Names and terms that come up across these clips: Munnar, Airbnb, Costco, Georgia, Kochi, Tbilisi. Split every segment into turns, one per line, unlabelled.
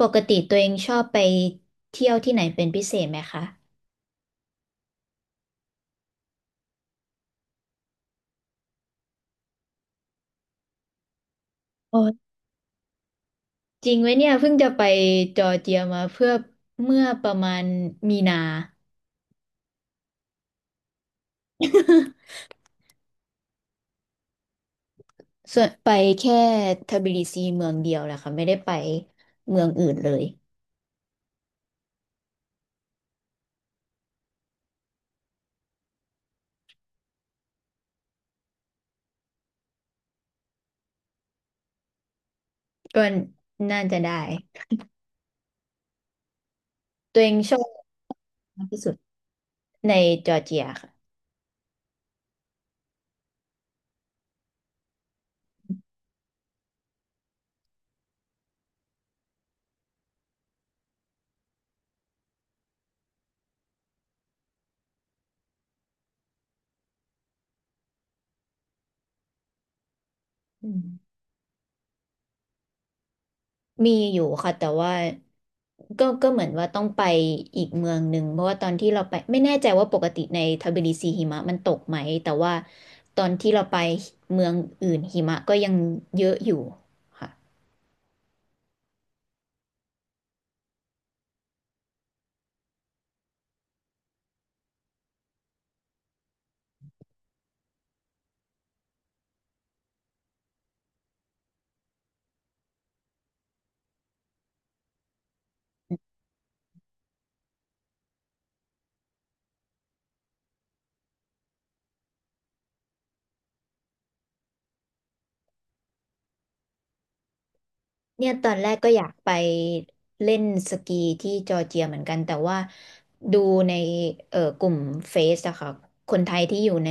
ปกติตัวเองชอบไปเที่ยวที่ไหนเป็นพิเศษไหมคะออจริงไหมเนี่ยเพิ่งจะไปจอร์เจียมาเพื่อเมื่อประมาณมีนา ส่วนไปแค่ทบิลิซีเมืองเดียวแหละค่ะไม่ได้ไปเมืองอื่นเลยก็น่าจะได้ตัวเองชอบมากที่สุดในจอร์เจียค่ะอืม มีอยู่ค่ะแต่ว่าก็เหมือนว่าต้องไปอีกเมืองหนึ่งเพราะว่าตอนที่เราไปไม่แน่ใจว่าปกติในทบิลิซีหิมะมันตกไหมแต่ว่าตอนที่เราไปเมืองอื่นหิมะก็ยังเยอะอยู่ค่ะ เนี่ยตอนแรกก็อยากไปเล่นสกีที่จอร์เจียเหมือนกันแต่ว่าดูในกลุ่มเฟซอะค่ะคนไทยที่อยู่ใน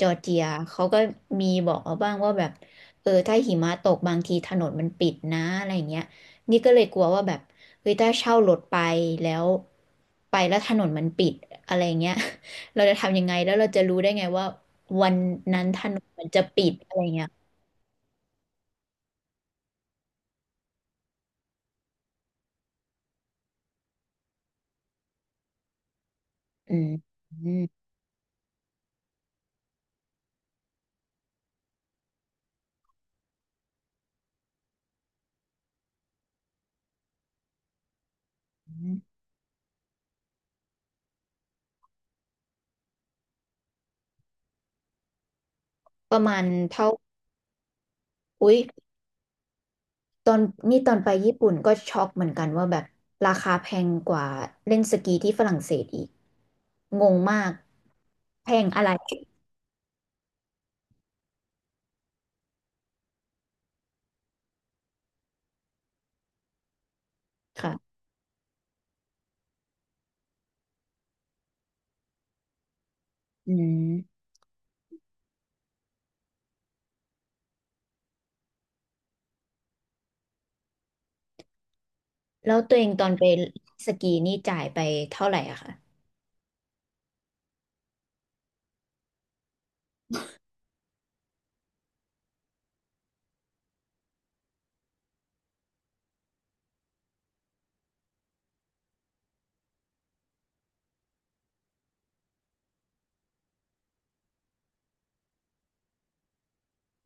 จอร์เจียเขาก็มีบอกเอาบ้างว่าแบบเออถ้าหิมะตกบางทีถนนมันปิดนะอะไรอย่างเงี้ยนี่ก็เลยกลัวว่าแบบเฮ้ยถ้าเช่ารถไปแล้วไปแล้วถนนมันปิดอะไรเงี้ย เราจะทำยังไงแล้วเราจะรู้ได้ไงว่าวันนั้นถนนมันจะปิดอะไรเงี้ยอืมอืมประมาณเท่า อุ๊ยตอนนี่ตอนไปญี่ปุ่นก็ช็อกเหมือนกันว่าแบบราคาแพงกว่าเล่นสกีที่ฝรั่งเศสอีกงงมากแพงอะไรค่ะอืมแล้วตัวเองตอนไปสกีนี่จ่ายไปเท่าไหร่อะคะ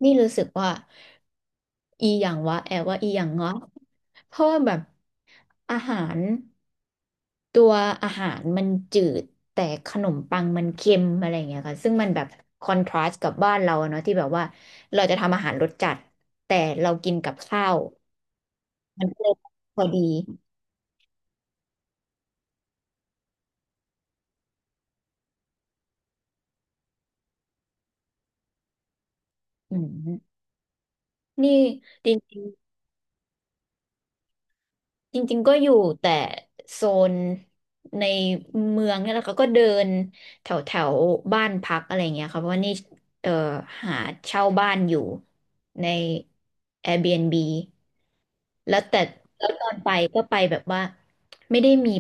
นี่รู้สึกว่าอีอย่างวะแอบว่าอีอย่างเงาะเพราะว่าแบบอาหาร ตัวอาหารมันจืดแต่ขนมปังมันเค็มอะไรอย่างเงี้ยค่ะซึ่งมันแบบคอนทราสต์กับบ้านเราอะเนาะที่แบบว่าเราจะทำอาหารรสจัดแต่เรากินกับข้าวมันก็เลยพอดีอืมนี่จริงๆจริงๆก็อยู่แต่โซนในเมืองเนี่ยแหละค่ะก็เดินแถวแถวบ้านพักอะไรอย่างเงี้ยค่ะเพราะว่านี่เอ่อหาเช่าบ้านอยู่ใน Airbnb แล้วแต่แล้วตอนไปก็ไปแบบว่าไม่ได้มี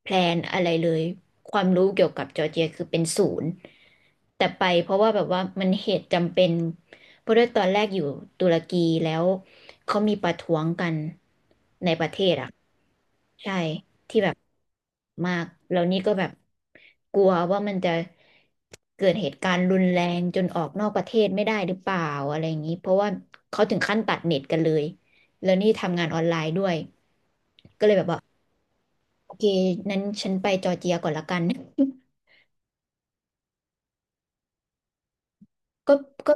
แพลนอะไรเลยความรู้เกี่ยวกับจอร์เจียคือเป็นศูนย์แต่ไปเพราะว่าแบบว่ามันเหตุจำเป็นเพราะด้วยตอนแรกอยู่ตุรกีแล้วเขามีประท้วงกันในประเทศอ่ะใช่ที่แบบมากแล้วนี่ก็แบบกลัวว่ามันจะเกิดเหตุการณ์รุนแรงจนออกนอกประเทศไม่ได้หรือเปล่าอะไรอย่างนี้เพราะว่าเขาถึงขั้นตัดเน็ตกันเลย แล้วนี่ทำงานออนไลน์ด้วยก็เลยแบบว่าโอเคนั้นฉันไปจอร์เจียก่อนละกัน ก็ก็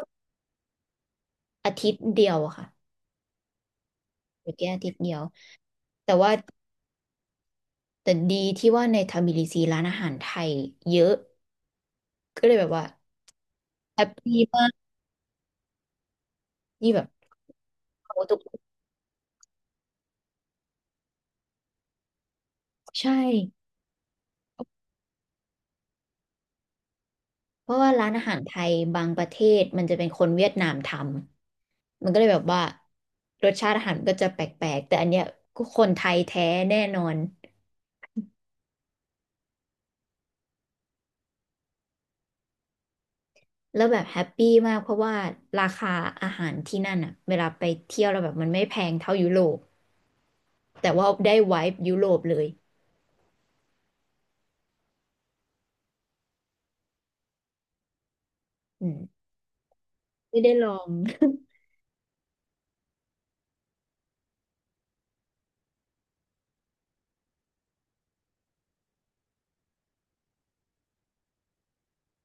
อาทิตย์เดียวอะค่ะจอจีอาทิตย์เดียวแต่ว่าแต่ดีที่ว่าในทบิลิซีร้านอาหารไทยเยอะก็เลยแบบว่าแฮปปี้มากที่แบบเขาทุกใช่เพราะว่าร้านอาหารไทยบางประเทศมันจะเป็นคนเวียดนามทำมันก็เลยแบบว่ารสชาติอาหารก็จะแปลกๆแต่อันเนี้ยก็คนไทยแท้แน่นอน แล้วแบบแฮปปี้มากเพราะว่าราคาอาหารที่นั่นอะเวลาไปเที่ยวเราแล้วแบบมันไม่แพงเท่ายุโรปแต่ว่าได้ไวบ์ยุโรปเลยอืมไม่ได้ลอง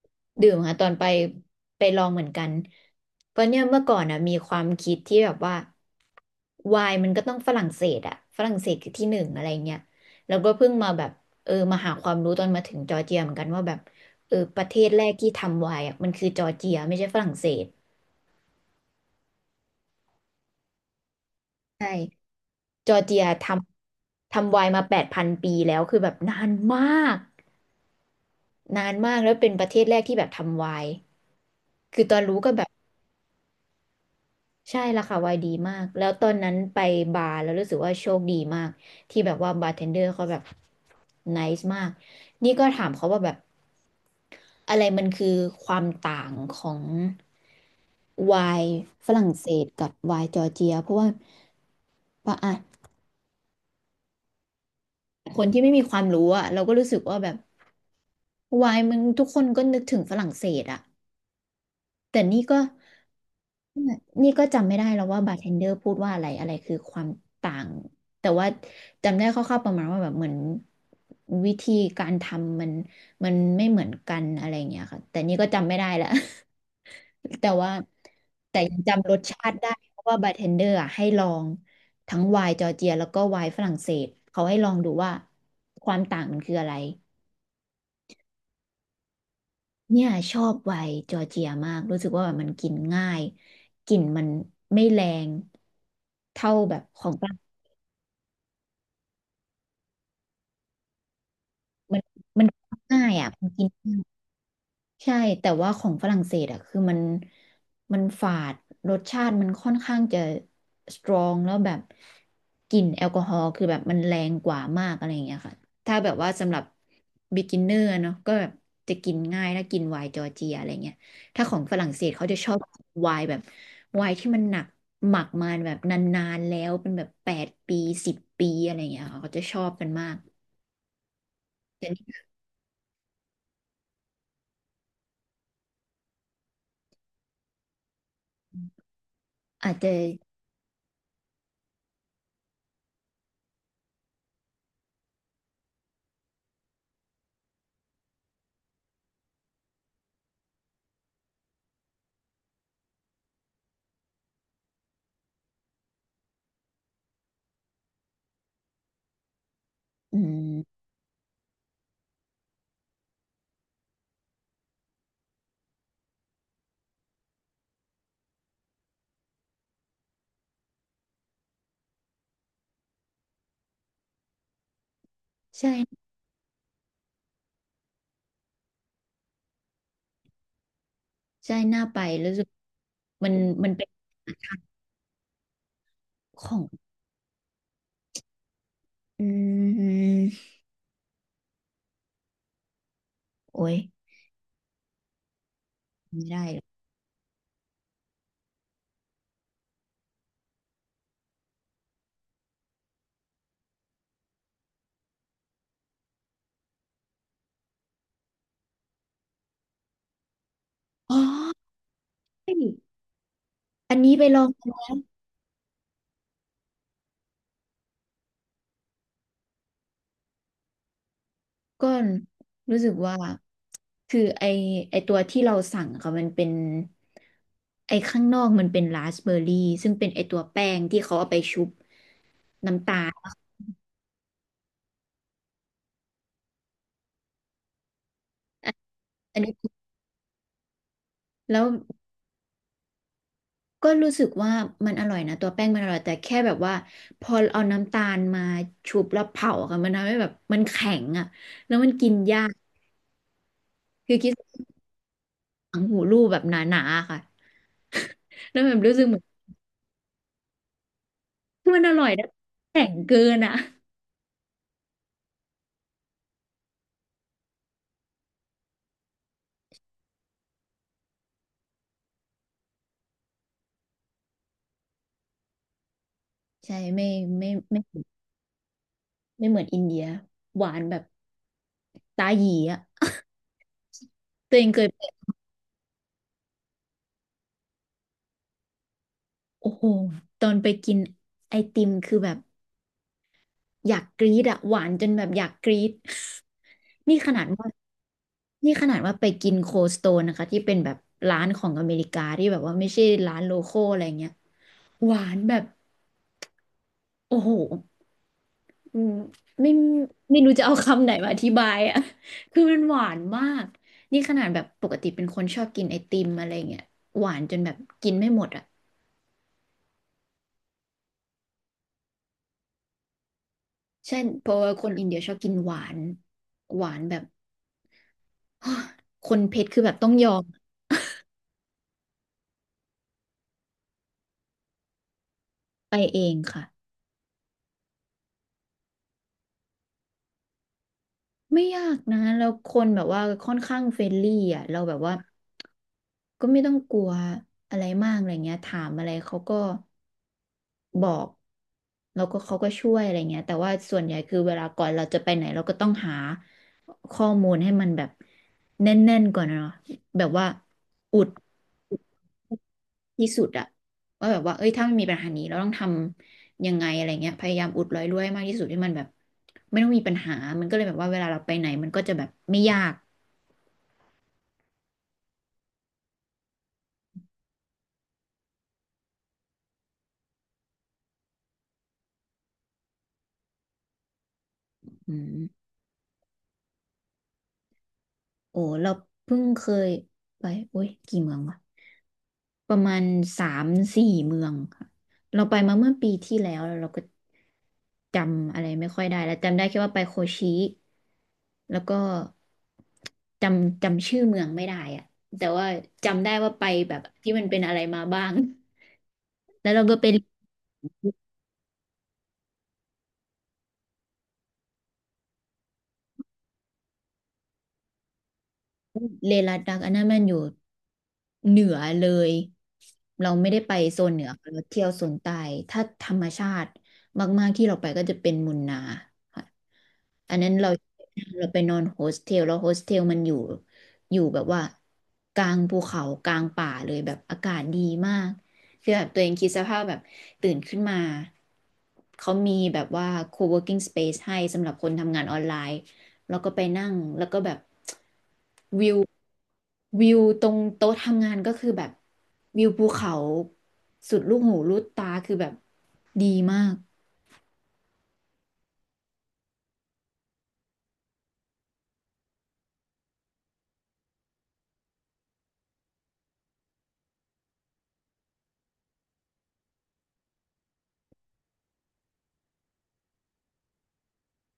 ดื่มค่ะตอนไปไปลองเหมือนกันเพราะเนี่ยเมื่อก่อนอ่ะมีความคิดที่แบบว่าไวน์มันก็ต้องฝรั่งเศสอ่ะฝรั่งเศสคือที่หนึ่งอะไรเงี้ยแล้วก็เพิ่งมาแบบเออมาหาความรู้ตอนมาถึงจอร์เจียเหมือนกันว่าแบบเออประเทศแรกที่ทำไวน์อ่ะมันคือจอร์เจียไม่ใช่ฝรั่งเศสใช่ จอร์เจียทำไวน์มา8,000 ปีแล้วคือแบบนานมากนานมากแล้วเป็นประเทศแรกที่แบบทำไวน์คือตอนรู้ก็แบบใช่ราคาไวน์ดีมากแล้วตอนนั้นไปบาร์แล้วรู้สึกว่าโชคดีมากที่แบบว่าบาร์เทนเดอร์เขาแบบไนซ์มากนี่ก็ถามเขาว่าแบบอะไรมันคือความต่างของไวน์ฝรั่งเศสกับไวน์จอร์เจียเพราะว่าปะอ่ะคนที่ไม่มีความรู้อะเราก็รู้สึกว่าแบบ วายมันทุกคนก็นึกถึงฝรั่งเศสอะแต่นี่ก็จำไม่ได้แล้วว่าบาร์เทนเดอร์พูดว่าอะไรอะไรคือความต่างแต่ว่าจำได้คร่าวๆประมาณว่าแบบเหมือนวิธีการทำมันมันไม่เหมือนกันอะไรอย่างเงี้ยค่ะแต่นี่ก็จำไม่ได้ละ แต่ว่าแต่ยังจำรสชาติได้เพราะว่าบาร์เทนเดอร์อะให้ลองทั้งไวน์จอร์เจียแล้วก็ไวน์ฝรั่งเศสเขาให้ลองดูว่าความต่างมันคืออะไร เนี่ยชอบไวน์จอร์เจียมากรู้สึกว่าแบบมันกินง่ายกลิ่นมันไม่แรงเท่าแบบของต่างมันมันง่ายอ่ะมันกิน ใช่แต่ว่าของฝรั่งเศสอะคือมันฝาดรสชาติมันค่อนข้างจะสตรองแล้วแบบกลิ่นแอลกอฮอล์คือแบบมันแรงกว่ามากอะไรอย่างเงี้ยค่ะถ้าแบบว่าสำหรับ beginner เนอะก็แบบจะกินง่ายแล้วกินไวน์จอร์เจียอะไรเงี้ยถ้าของฝรั่งเศสเขาจะชอบไวน์แบบไวน์ที่มันหนักหมักมาแบบนานๆแล้วเป็นแบบ8 ปี10 ปีอะไรเงี้ยค่ะเขาจะชอบกันมากแต่นี่อาจจะอืมใช่ ใช่น่าไปรู้สึกมันมันเป็นของอืมโอ้ยไม่ได้เลยอ๋ออันนี้ไปลองก่อน รู้สึกว่า คือไอตัวที่เราสั่งค่ะมันเป็น ไอข้างนอกมันเป็นราสเบอร์รี่ ซึ่งเป็นไอตัวแป้งที่เขาเอาไปชุบน้ำตาลออันนี้แล้ว ก็รู้สึกว่ามันอร่อยนะตัวแป้งมันอร่อยแต่แค่แบบว่าพอเอาน้ำตาลมาชุบแล้วเผาอะค่ะมันทำให้แบบมันแข็งอะแล้วมันกินยากคือคิดถังหูรูปแบบหนาๆค่ะแล้วแบบรู้สึกเหมือนมันอร่อยนะแข็งเกินอะใช่ไม่ไม่ไม่ไม่เหมือนอินเดียหวานแบบตาหยีอ่ะตัวเองเคยไปโอ้โหตอนไปกินไอติมคือแบบ อยากกรี๊ดอะหวานจนแบบอยากกรี๊ด นี่ขนาดว่านี่ขนาดว่าไปกินโคสโตนนะคะที่เป็นแบบร้านของอเมริกาที่แบบว่าไม่ใช่ร้านโลคอลอะไรเงี้ยหวานแบบโอ้โหอืมไม่ไม่รู้จะเอาคำไหนมาอธิบายอะ คือมันหวานมากนี่ขนาดแบบปกติเป็นคนชอบกินไอติมอะไรเงี้ยหวานจนแบบกินไม่หมดอะใช่เพราะว่าคนอินเดียชอบกินหวานหวานแบบ คนเพชรคือแบบต้องยอมไปเองค่ะ ไม่ยากนะแล้วคนแบบว่าค่อนข้างเฟรนลี่อ่ะเราแบบว่าก็ไม่ต้องกลัวอะไรมากอะไรเงี้ยถามอะไรเขาก็บอกแล้วก็เขาก็ช่วยอะไรเงี้ยแต่ว่าส่วนใหญ่คือเวลาก่อนเราจะไปไหนเราก็ต้องหาข้อมูลให้มันแบบแน่นๆก่อนอะเนาะแบบว่าอุด ที่สุดอะว่าแบบว่าเอ้ยถ้ามันมีปัญหานี้เราต้องทำยังไงอะไรเงี้ยพยายามอุดรอยรั่วให้มากที่สุดให้มันแบบไม่ต้องมีปัญหามันก็เลยแบบว่าเวลาเราไปไหนมันก็จะแบบไม่ยากอืมโอ้เราเพิ่งเคยไปโอ้ยกี่เมืองวะ ประมาณ3-4 เมืองค่ะเราไปมาเมื่อปีที่แล้วแล้วเราก็จำอะไรไม่ค่อยได้แล้วจำได้แค่ว่าไปโคชิแล้วก็จำชื่อเมืองไม่ได้อะแต่ว่าจำได้ว่าไปแบบที่มันเป็นอะไรมาบ้างแล้วเราก็ไป เลลัดดักอันนั้นมันอยู่เหนือเลย เราไม่ได้ไปโซนเหนือ เราเที่ยวโซนใต้ถ้าธรรมชาติมากๆที่เราไปก็จะเป็นมุนนาค่ะอันนั้นเราไปนอนโฮสเทลแล้วโฮสเทลมันอยู่แบบว่ากลางภูเขากลางป่าเลยแบบอากาศดีมาก คือแบบตัวเองคิดสภาพแบบตื่นขึ้นมา เขามีแบบว่า co-working space ให้สำหรับคนทำงานออนไลน์แล้วก็ไปนั่งแล้วก็แบบวิว วิวตรงโต๊ะทำงานก็คือแบบวิวภูเขาสุดลูกหูลูกตาคือแบบดีมาก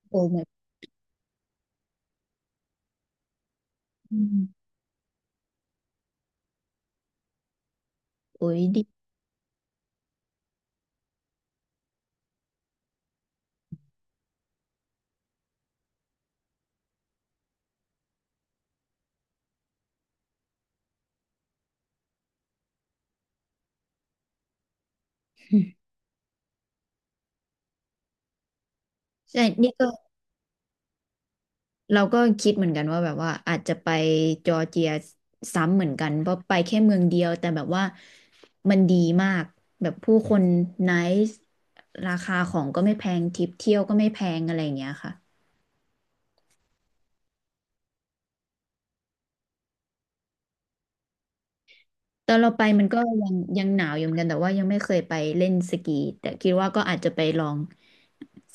โอ้แบบอืมโอ้ยดีใช่นี่ก็เราก็คิดเหมือนกันว่าแบบว่าอาจจะไปจอร์เจียซ้ำเหมือนกันเพราะไปแค่เมืองเดียวแต่แบบว่ามันดีมากแบบผู้คนไนซ์ราคาของก็ไม่แพงทริปเที่ยวก็ไม่แพงอะไรอย่างเงี้ยค่ะ ตอนเราไปมันก็ยังหนาวอยู่เหมือนกันแต่ว่ายังไม่เคยไปเล่นสกีแต่คิดว่าก็อาจจะไปลอง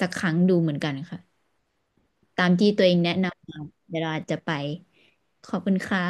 สักครั้งดูเหมือนกันค่ะตามที่ตัวเองแนะนำมาเดี๋ยวเราอาจจะไปขอบคุณค่ะ